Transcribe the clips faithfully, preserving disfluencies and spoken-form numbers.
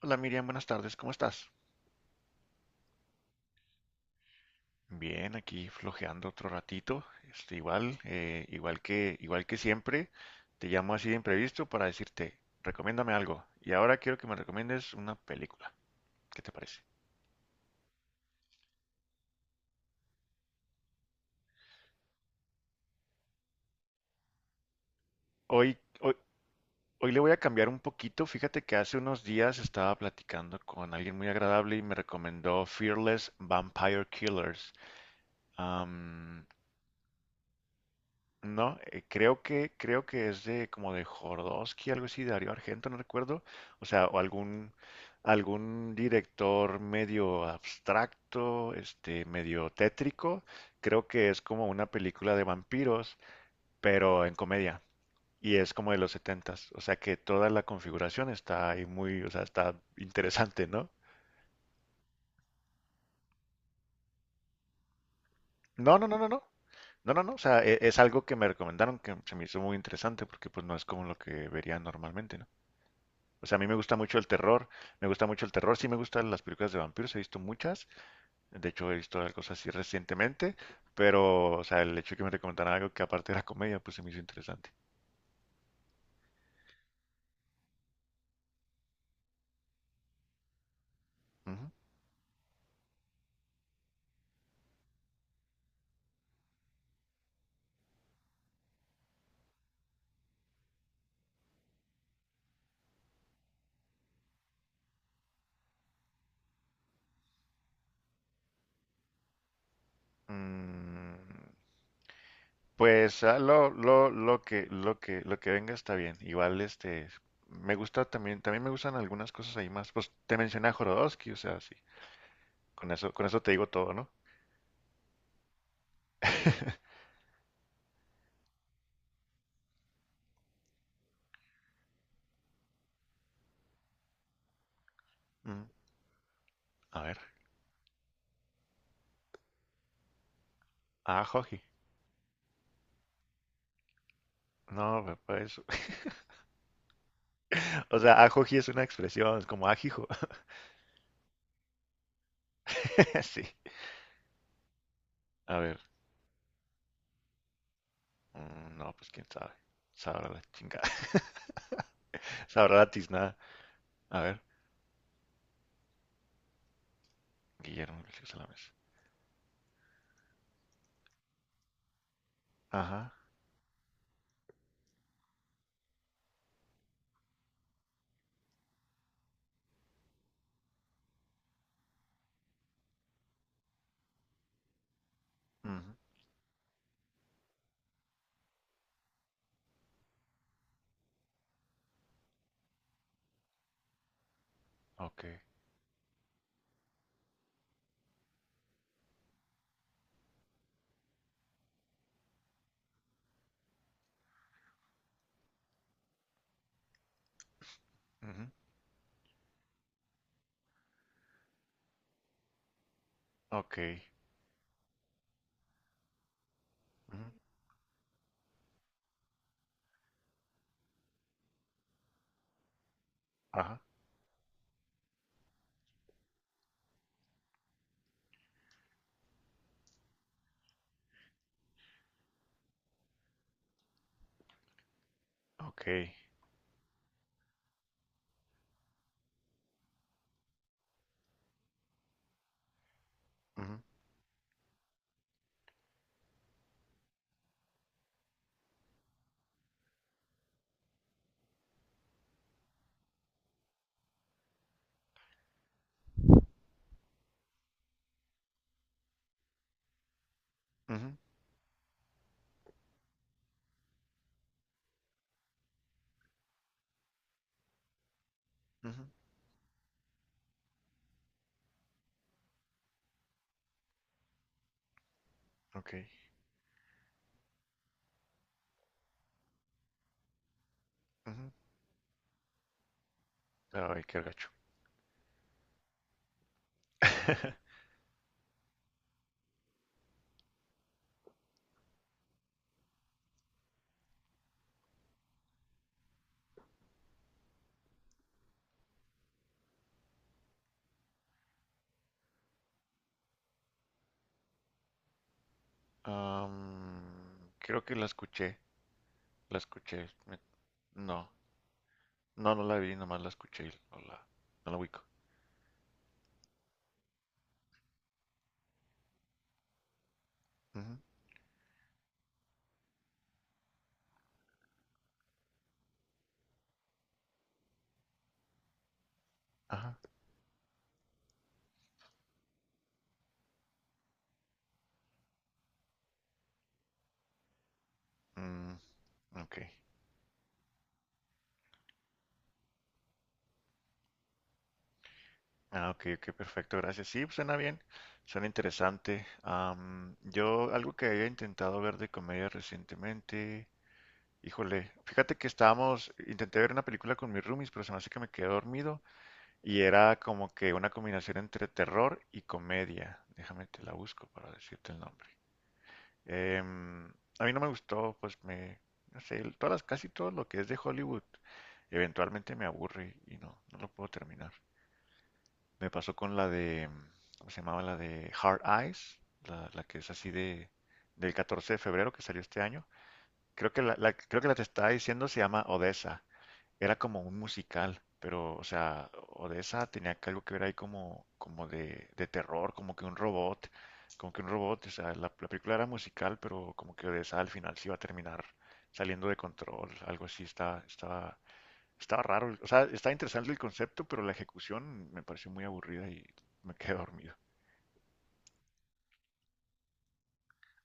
Hola Miriam, buenas tardes, ¿cómo estás? Bien, aquí flojeando otro ratito, este, igual, eh, igual que, igual que siempre, te llamo así de imprevisto para decirte, recomiéndame algo, y ahora quiero que me recomiendes una película, ¿qué te parece? Hoy, hoy, hoy le voy a cambiar un poquito, fíjate que hace unos días estaba platicando con alguien muy agradable y me recomendó Fearless Vampire Killers. Am, No, eh, creo que, creo que es de como de Jodorowsky, algo así, Darío Argento, no recuerdo. O sea, o algún, algún director medio abstracto, este, medio tétrico. Creo que es como una película de vampiros, pero en comedia. Y es como de los setentas. O sea que toda la configuración está ahí muy, o sea, está interesante, ¿no? No, no, no, no, no. No, no, no. O sea, e- es algo que me recomendaron que se me hizo muy interesante porque pues no es como lo que vería normalmente, ¿no? O sea, a mí me gusta mucho el terror, me gusta mucho el terror, sí me gustan las películas de vampiros, he visto muchas, de hecho he visto algo así recientemente, pero, o sea, el hecho de que me recomendaran algo que aparte era comedia, pues se me hizo interesante. Ujú. Mm, pues ah, lo, lo, lo que, lo que, lo que venga está bien. Igual, este, me gusta también, también me gustan algunas cosas ahí más. Pues te mencioné a Jodorowsky, o sea, sí, con eso, con eso te digo todo, ¿no? Mm, a ver, ah, Joji, no, pues. O sea, ajoji es una expresión, es como ajijo. Sí. A ver, mm, no, pues quién sabe. Sabrá la chingada. Sabrá la tiznada. A ver, Guillermo Iglesias a la mesa. Ajá. Ujú. Ok. Ujú. Ok. Ujú. Ajá. Ok. Ujú. Ujú. Ujú. Ok. Ujú. Ay, qué gacho. Am, creo que la escuché. La escuché. me- No. No, no la vi, nomás la escuché y no la, no la ubico. Ujú. Ajá. mm, Ok. Ah, ok, ok, perfecto, gracias. Sí, pues, suena bien, suena interesante. Am, yo, algo que había intentado ver de comedia recientemente, híjole, fíjate que estábamos, intenté ver una película con mis roomies, pero se me hace que me quedé dormido y era como que una combinación entre terror y comedia. Déjame te la busco para decirte el nombre. Em, a mí no me gustó, pues me, no sé, el- todas las, casi todo lo que es de Hollywood, eventualmente me aburre y no, no lo puedo terminar. Me pasó con la de, ¿cómo se llamaba? La de Hard Eyes, la, la que es así de, del catorce de febrero que salió este año. Creo que la, la- creo que la te estaba diciendo se llama Odessa. Era como un musical, pero, o sea, Odessa tenía que algo que ver ahí como, como de, de terror, como que un robot, como que un robot, o sea, la, la película era musical, pero como que Odessa al final se iba a terminar saliendo de control, algo así estaba, estaba, estaba raro, el- o sea, estaba interesante el concepto, pero la ejecución me pareció muy aburrida y me quedé dormido.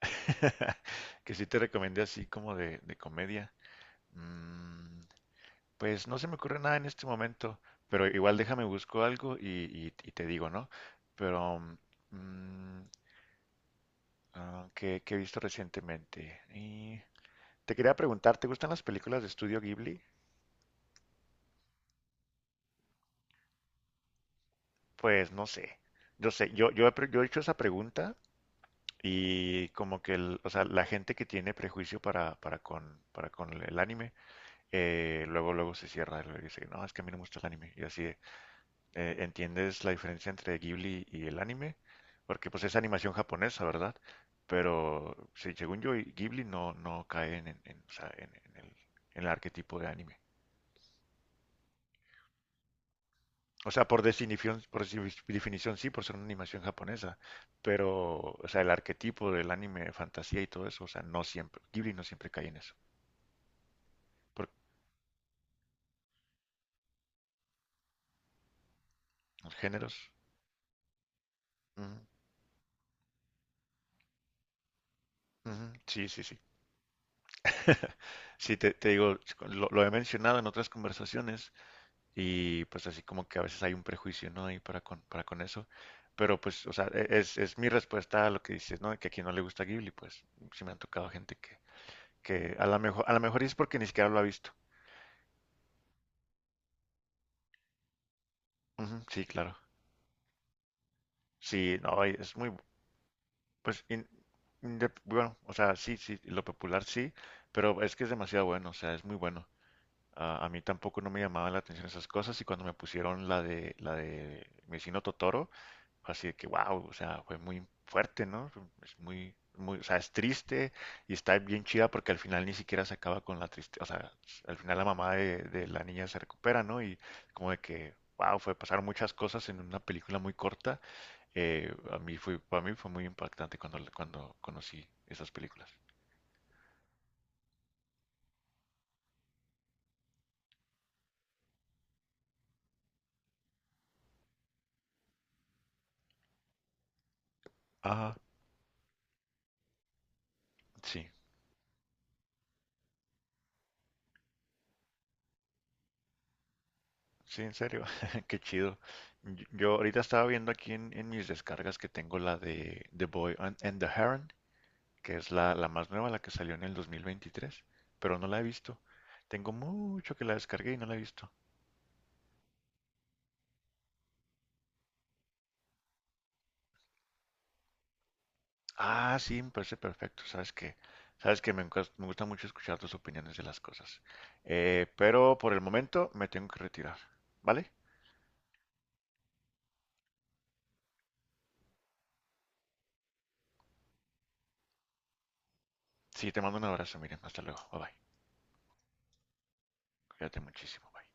Que sí te recomendé así como de, de comedia. Mm, pues no se me ocurre nada en este momento, pero igual déjame busco algo y, y- y te digo, ¿no? Pero, mm, ah, ¿qué, qué he visto recientemente? Y te quería preguntar, ¿te gustan las películas de Estudio Ghibli? Pues no sé. Yo sé, yo, yo, he pre- yo he hecho esa pregunta. Y como que el- o sea, la gente que tiene prejuicio para, para con, para con el anime, eh, luego, luego se cierra y dice, no, es que a mí no me gusta el anime. Y así, de, eh, ¿entiendes la diferencia entre Ghibli y el anime? Porque pues es animación japonesa, ¿verdad? Pero sí, según yo, Ghibli no, no cae en, en- en, o sea, en- en el, en el arquetipo de anime. O sea, por definición, por desi- definición sí, por ser una animación japonesa, pero, o sea, el arquetipo del anime, fantasía y todo eso, o sea, no siempre, Ghibli no siempre cae en eso. Por los géneros. Ujú, ujú, sí, sí, sí. Sí, te, te digo, lo, lo he mencionado en otras conversaciones y pues así como que a veces hay un prejuicio, ¿no? Ahí para con, para con eso. Pero pues, o sea, e- es, es mi respuesta a lo que dices, ¿no? Que a quien no le gusta Ghibli, pues sí me han tocado gente que, que a lo mejor, a lo mejor es porque ni siquiera lo ha visto. Ujú, sí, claro. Sí, no, y es muy, bu- pues, in- indep- bueno, o sea, sí, sí, lo popular sí, pero es que es demasiado bueno, o sea, es muy bueno. Ah, a mí tampoco no me llamaban la atención esas cosas y cuando me pusieron la de la de mi vecino Totoro, fue así de que wow, o sea, fue muy fuerte, ¿no? Es muy, muy, o sea, es triste y está bien chida porque al final ni siquiera se acaba con la tristeza, o sea, al final la mamá de, de la niña se recupera, ¿no? Y como de que wow, fue pasar muchas cosas en una película muy corta. Eh, a mí fue, para mí fue muy impactante cuando cuando conocí esas películas. Ah, sí. Sí, en serio, qué chido. Yo yo ahorita estaba viendo aquí en, en mis descargas que tengo la de The Boy and, and the Heron, que es la, la más nueva, la que salió en el dos mil veintitrés, pero no la he visto. Tengo mucho que la descargué y no la he visto. Ah, sí, me parece perfecto. Sabes que, sabes que me, encas- me gusta mucho escuchar tus opiniones de las cosas. Eh, pero por el momento me tengo que retirar, ¿vale? Sí, te mando un abrazo, Miriam. Hasta luego. Bye bye. Cuídate muchísimo. Bye.